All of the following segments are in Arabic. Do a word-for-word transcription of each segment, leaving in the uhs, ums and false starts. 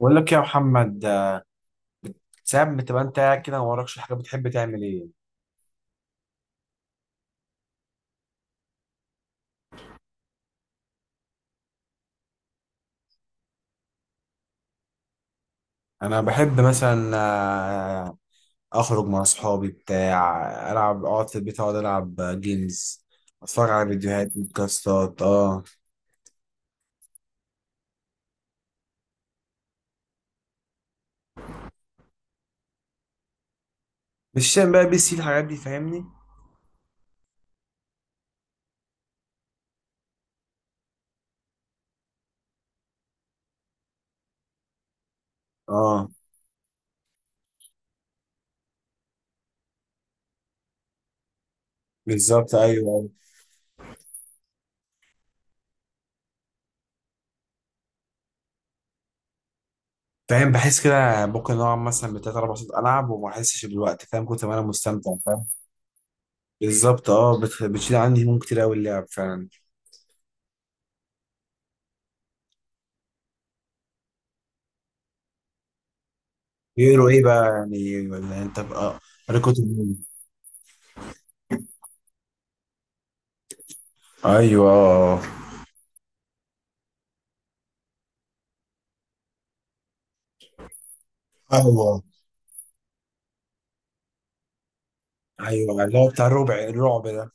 بقول لك يا محمد، ساعات بتبقى انت قاعد كده ما وراكش حاجه بتحب تعمل ايه؟ انا بحب مثلا آه، اخرج مع اصحابي بتاع العب اقعد في البيت اقعد العب آه، جيمز، اتفرج على فيديوهات بودكاستات اه مش شايف بقى بي سي الحاجات دي، فاهمني؟ اه. بالظبط، ايوه ايوه، فاهم. بحس كده ممكن اقعد مثلا بتلات اربع ساعات العب وما احسش بالوقت، فاهم؟ كنت انا مستمتع، فاهم؟ بالظبط. اه، بت- بتشيل عندي هموم كتير قوي اللعب فعلا. بيقولوا ايه بقى؟ يعني ولا انت بقى؟ قريت كتب. ايوه ايوه. ايوه اللي هو بتاع الربع الرعب ده.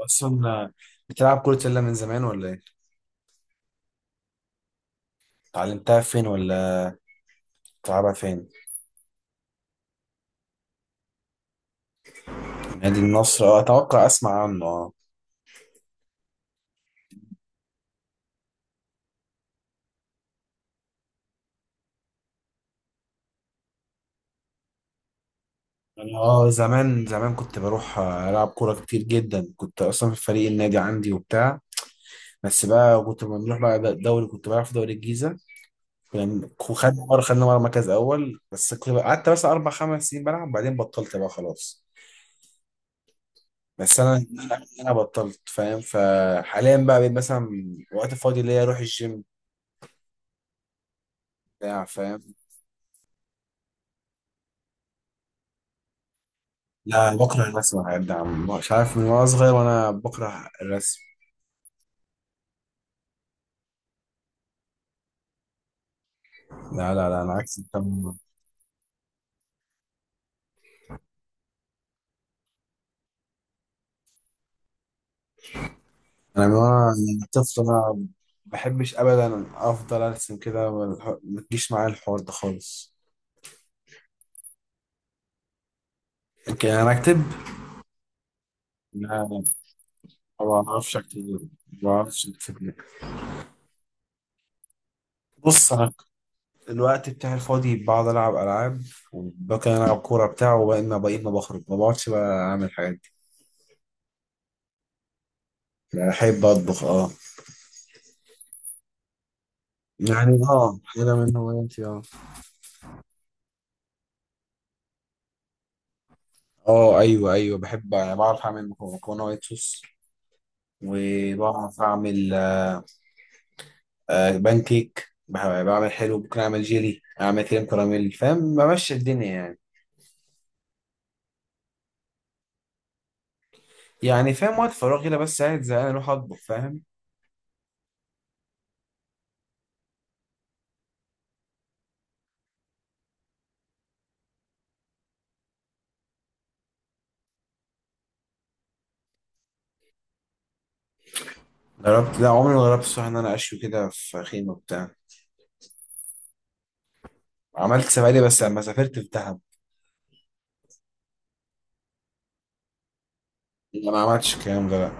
اصلا بتلعب كرة سلة من زمان ولا ايه؟ اتعلمتها فين، ولا بتلعبها فين؟ نادي النصر، اه اتوقع اسمع عنه، اه. أنا اه زمان زمان كنت بروح آه، العب كورة كتير جدا، كنت اصلا في فريق النادي عندي وبتاع. بس بقى كنت لما بنروح بقى الدوري كنت بلعب في دوري الجيزة. كنا- وخدنا مرة خدنا مرة مركز اول، بس كنت بقى- قعدت بس اربع خمس سنين بلعب، بعدين بطلت بقى خلاص. بس انا، انا بطلت، فاهم؟ فحاليا بقى بقيت مثلا وقت فاضي ليا اروح الجيم بتاع، فاهم؟ لا بكره الرسم، يا ده عم، مش عارف، من وانا صغير وانا بكره الرسم. لا لا لا انا عكسك تماما. انا من وانا يعني طفل انا بحبش ابدا افضل ارسم كده، والح- ما تجيش معايا الحوار ده خالص. لكن انا اكتب. لا لا، ما بعرفش اكتب، ما بعرفش اكتب. بص انا، الوقت بتاعي الفاضي بقعد العب العاب، وممكن العب كوره بتاع، وبقينا بقيت ما بخرج ما بقعدش بقى اعمل حاجات دي. لا، بحب اطبخ، اه. يعني اه حاجه من هواياتي، اه. اه ايوه ايوه، بحب يعني، بعرف اعمل مكرونه مكرونة وايت صوص، وبعرف اعمل آه بان كيك، بح- بعمل حلو، ممكن اعمل جيلي، اعمل كريم كراميل، فاهم، بمشي الدنيا يعني. يعني فاهم وقت فراغي، لا بس قاعد زهقان اروح اطبخ، فاهم؟ جربت، لا عمري ما جربت الصراحه ان انا اشوي كده في خيمه بتاع. عملت سفاري بس لما سافرت في دهب. لا ما عملتش الكلام ده، لا.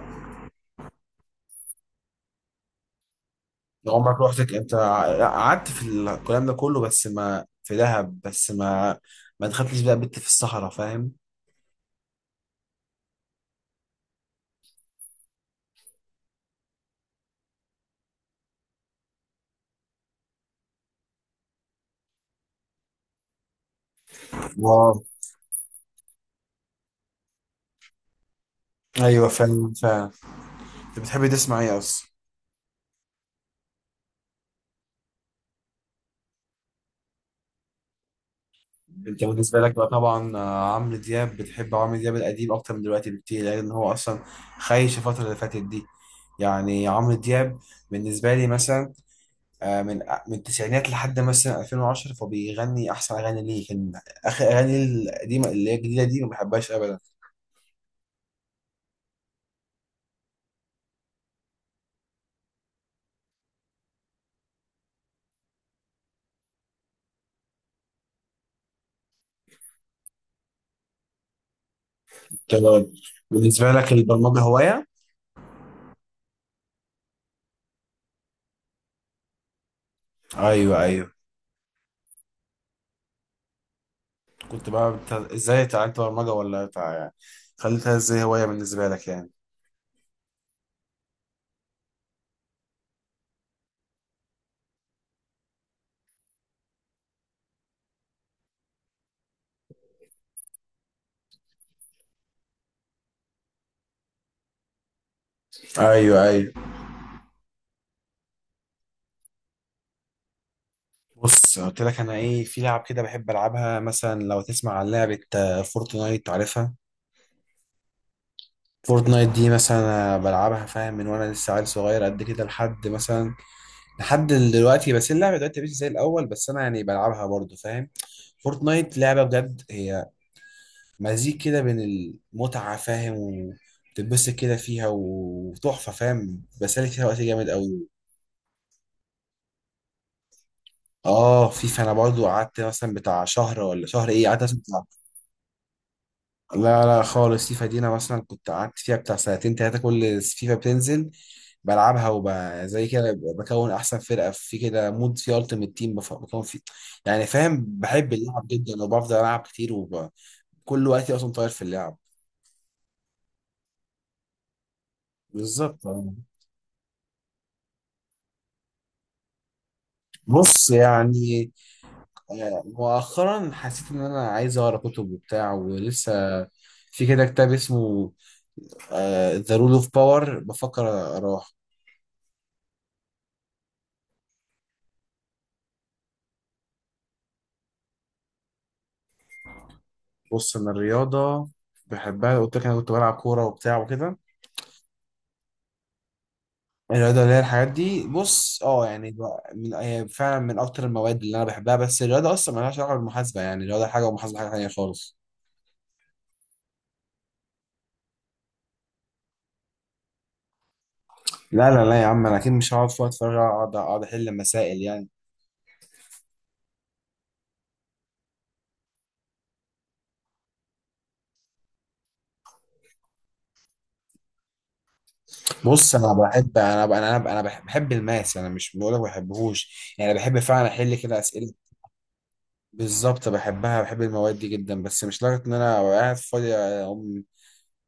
ده عمرك روحتك انت ع- لا، قعدت في الكلام ده كله، بس ما في دهب بس ما، ما دخلتش بقى بت في الصحراء، فاهم؟ اه، ايوه فعلا فعلا. انت بتحب تسمع ايه اصلا؟ انت بالنسبه لك بقى طبعا آه، عمرو دياب، بتحب عمرو دياب القديم اكتر من دلوقتي بكتير، لان هو اصلا خايش الفتره اللي فاتت دي. يعني عمرو دياب بالنسبه لي مثلا، آه، من من التسعينات لحد مثلا ألفين وعشرة، فبيغني احسن اغاني ليه، كان اخر اغاني القديمه. اللي هي الجديده دي ما بحبهاش ابدا. تمام. بالنسبه لك البرمجه هوايه؟ ايوه ايوه، كنت بقى بت- ازاي اتعلمت برمجه، ولا تع... خليتها ازاي هوايه بالنسبه لك يعني؟ ايوه ايوه. بص قلت لك انا ايه، في لعب كده بحب العبها، مثلا لو تسمع عن لعبه آه، فورتنايت، عارفها؟ فورتنايت دي مثلا أنا بلعبها، فاهم، من وانا لسه عيل صغير قد كده لحد مثلا، لحد دلوقتي، بس اللعبه دلوقتي مش زي الاول، بس انا يعني بلعبها برضو، فاهم؟ فورتنايت لعبه بجد، هي مزيج كده بين المتعه، فاهم، وتتبسط كده فيها وتحفه، فاهم، بسالك فيها وقت جامد قوي. اه فيفا، انا برضو قعدت مثلا بتاع شهر ولا شهر ايه، قعدت مثلا، لا لا خالص، فيفا دي انا مثلا كنت قعدت فيها بتاع سنتين تلاتة، كل فيفا بتنزل بلعبها، وب زي كده بكون احسن فرقة في كده مود في التيمت تيم، بف- بكون فيه، يعني فاهم، بحب اللعب جدا، وبفضل العب كتير، وكل وقتي اصلا طاير في اللعب. بالظبط. بص يعني آه، مؤخرا حسيت ان انا عايز اقرا كتب وبتاع، ولسه في كده كتاب اسمه ذا رول اوف باور، بفكر اقراه. بص انا الرياضه بحبها، قلت لك انا كنت بلعب كوره وبتاع وكده. الرياضه اللي هي الحاجات دي، بص اه يعني ب- من هي فعلا من اكتر المواد اللي انا بحبها، بس الرياضه اصلا مالهاش علاقه بالمحاسبه، يعني الرياضه حاجه والمحاسبه حاجه تانيه خالص. لا لا لا يا عم، انا اكيد مش هقعد في وقت فراغ اقعد اقعد احل مسائل يعني. بص انا بحب، انا انا انا أنا بحب، بحب الماس. انا مش بقول لك ما بحبهوش، يعني بحب فعلا احل كده اسئله. بالظبط بحبها، بحب المواد دي جدا، بس مش لدرجه ان انا قاعد فاضي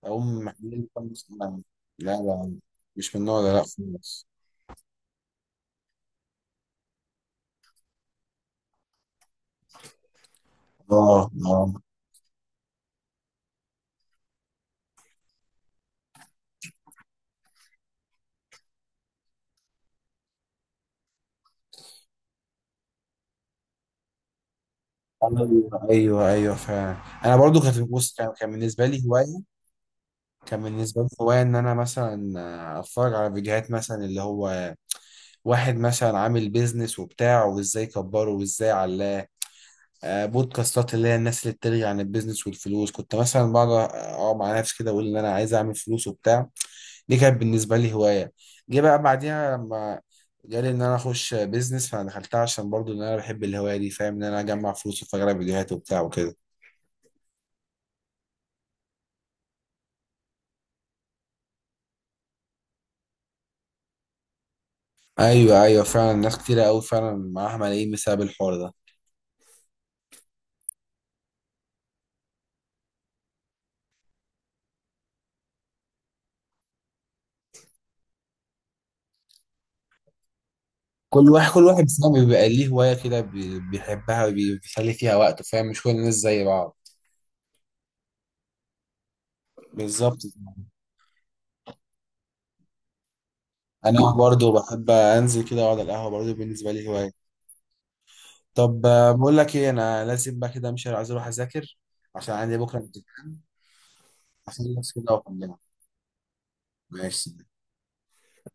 أقوم محلل خمس أيام. لا لا، مش من النوع ده، لا خالص. اه اه ايوه ايوه ايوه فعلا. انا برضو كانت، بص كان كان بالنسبه لي هوايه، كان بالنسبه لي هوايه ان انا مثلا آه، اتفرج على فيديوهات، مثلا اللي هو واحد مثلا عامل بيزنس وبتاع، وازاي كبره وازاي علاه. آه، بودكاستات اللي هي الناس اللي بتلغي عن البيزنس والفلوس، كنت مثلا بقعد اقعد مع نفسي كده، اقول ان انا عايز اعمل فلوس وبتاع. دي كانت بالنسبة لي هواية. جه بقى بعديها لما جالي إن أنا أخش بيزنس، فأنا دخلتها عشان برضو إن أنا بحب الهواية دي، فاهم، إن أنا أجمع فلوس وأتفرج على فيديوهات وبتاع وكده. أيوه أيوه فعلا، ناس كتيرة أوي فعلا معاها ملايين بسبب الحوار ده. كل واحد كل واحد فيهم بيبقى ليه هواية كده، بي- بيحبها وبيسلي فيها وقته، فاهم؟ مش كل الناس زي بعض. بالظبط. أنا برضو بحب أنزل كده أقعد على القهوة، برضو بالنسبة لي هواية. طب آه، بقول لك إيه، أنا لازم بقى كده أمشي، عايز أروح أذاكر عشان عندي بكرة امتحان. عشان بس كده وأكملها. ماشي